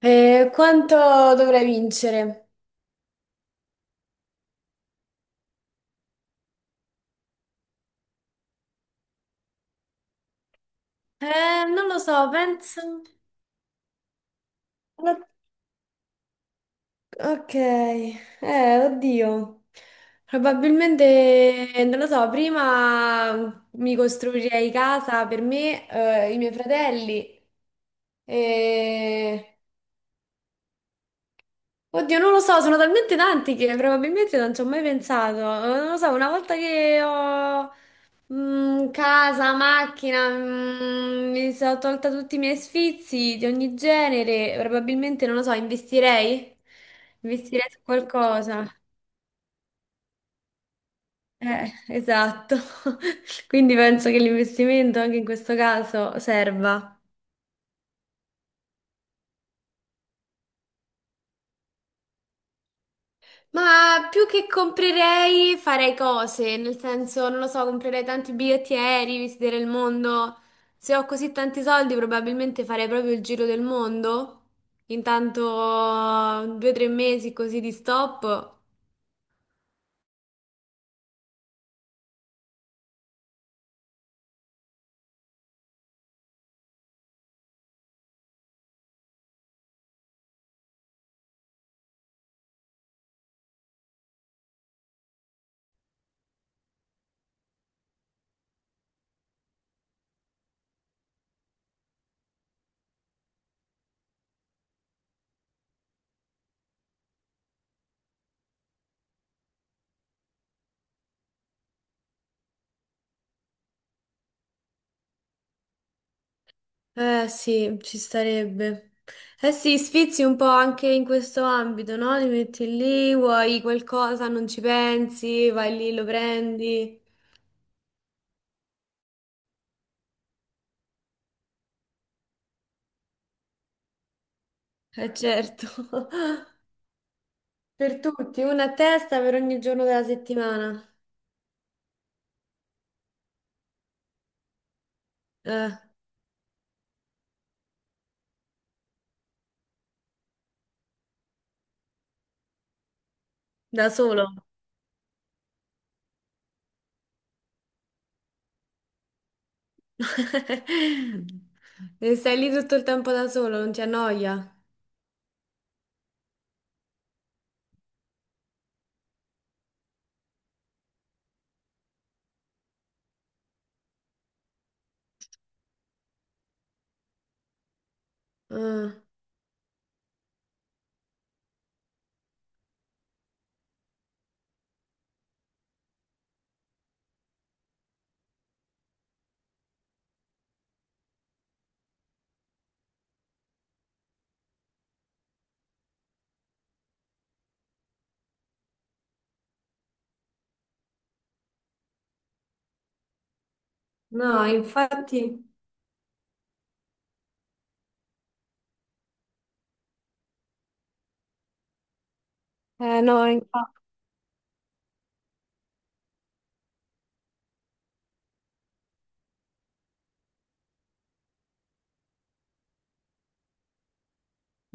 Quanto dovrei vincere? Non lo so, penso. No- Ok, oddio. Probabilmente, non lo so, prima mi costruirei casa per me, i miei fratelli. E... Oddio, non lo so, sono talmente tanti che probabilmente non ci ho mai pensato. Non lo so, una volta che ho casa, macchina, mi sono tolta tutti i miei sfizi di ogni genere. Probabilmente, non lo so, investirei? Investirei su qualcosa. Esatto. Quindi penso che l'investimento anche in questo caso serva. Ma più che comprerei, farei cose, nel senso, non lo so, comprerei tanti biglietti aerei, visiterei il mondo. Se ho così tanti soldi, probabilmente farei proprio il giro del mondo. Intanto due o tre mesi così di stop. Eh sì, ci starebbe. Eh sì, sfizi un po' anche in questo ambito, no? Ti metti lì, vuoi qualcosa, non ci pensi, vai lì, lo prendi. Eh certo. Per tutti, una a testa per ogni giorno della settimana. Eh, da solo. E stai lì tutto il tempo da solo, non ti annoia? Ah, no, infatti. No, infatti.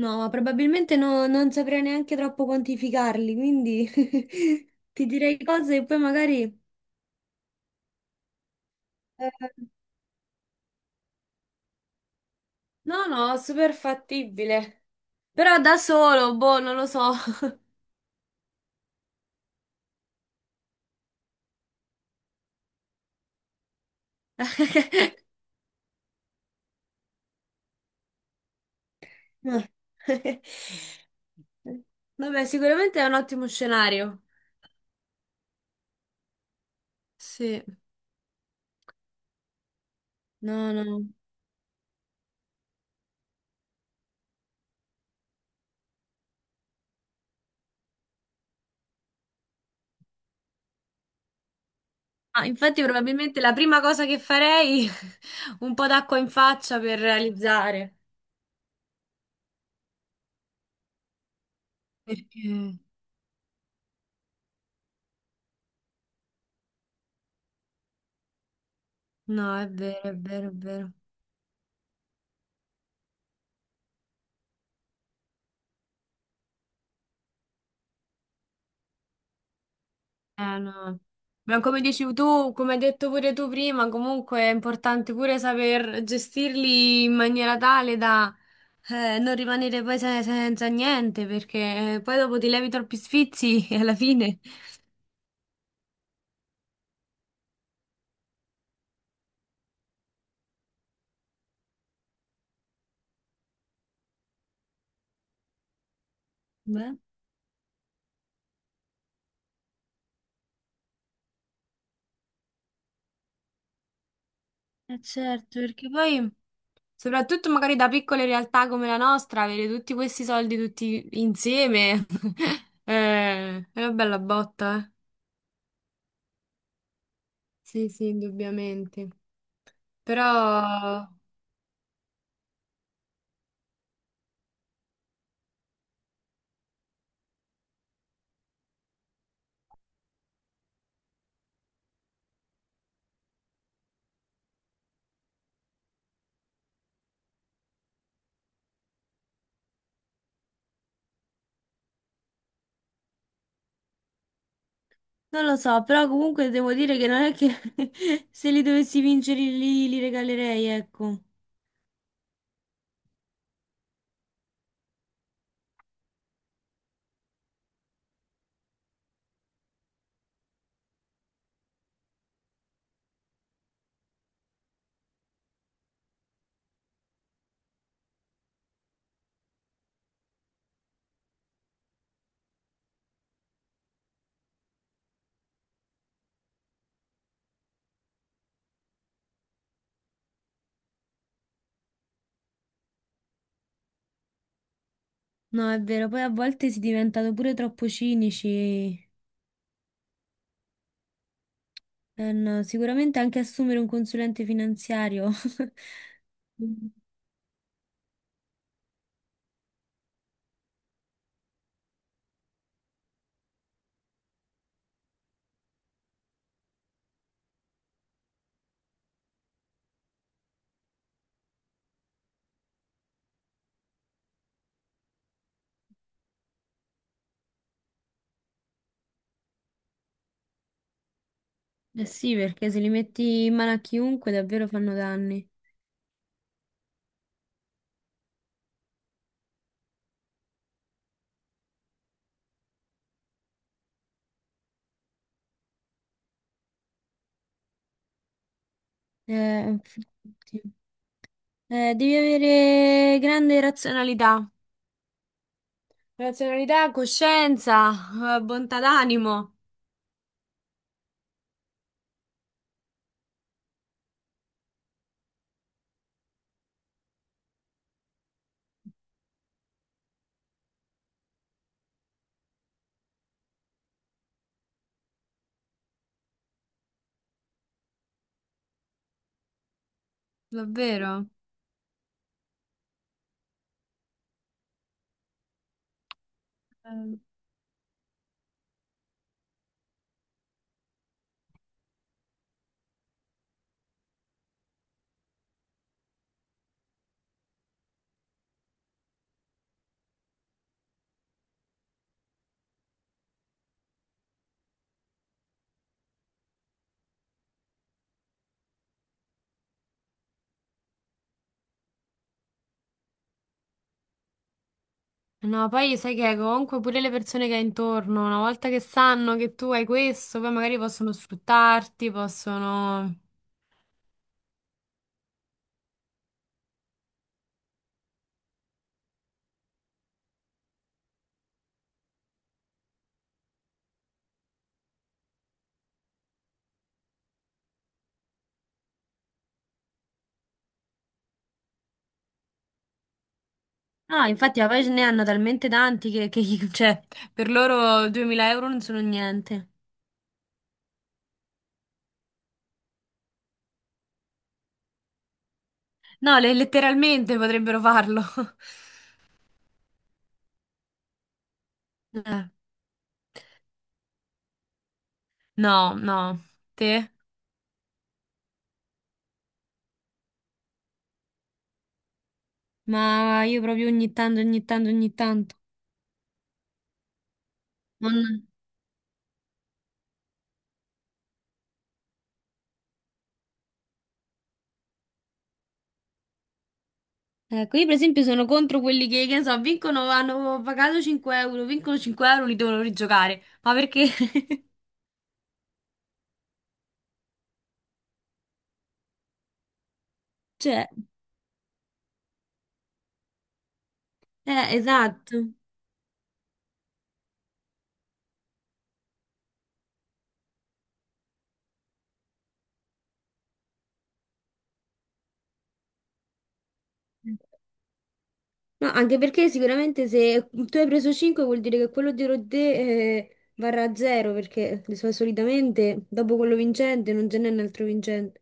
No, ma probabilmente non saprei neanche troppo quantificarli, quindi ti direi cose e poi magari. eh, No, no, super fattibile. Però da solo, boh, non lo so. No. Vabbè, sicuramente è un ottimo scenario. Sì. No, no. Ah, infatti, probabilmente la prima cosa che farei un po' d'acqua in faccia per realizzare. Perché? No, è vero, è vero, è vero. No. Ma come dici tu, come hai detto pure tu prima, comunque è importante pure saper gestirli in maniera tale da non rimanere poi senza niente, perché poi dopo ti levi troppi sfizi e alla fine. Beh. Certo, perché poi. Soprattutto magari da piccole realtà come la nostra, avere tutti questi soldi tutti insieme è una bella botta, eh. Sì, sì, indubbiamente. Però, non lo so, però comunque devo dire che non è che se li dovessi vincere li regalerei, ecco. No, è vero, poi a volte si è diventato pure troppo cinici. Eh no, sicuramente anche assumere un consulente finanziario. Eh sì, perché se li metti in mano a chiunque davvero fanno danni. Eh, sì. Devi avere grande razionalità, razionalità, coscienza, bontà d'animo, davvero. Eh, No, poi sai che comunque pure le persone che hai intorno, una volta che sanno che tu hai questo, poi magari possono sfruttarti, possono. Ah, infatti, ma poi ce ne hanno talmente tanti cioè, per loro 2.000 euro non sono niente. No, letteralmente potrebbero farlo. Eh, No, no, te? Ma io proprio ogni tanto, ogni tanto, ogni tanto. Non- Ecco, io per esempio sono contro quelli che ne so, vincono, hanno pagato 5 euro, vincono 5 euro, li devono rigiocare. Ma perché? Cioè, esatto. No, anche perché sicuramente se tu hai preso 5 vuol dire che quello dietro te varrà 0 perché solitamente dopo quello vincente non ce n'è un altro vincente.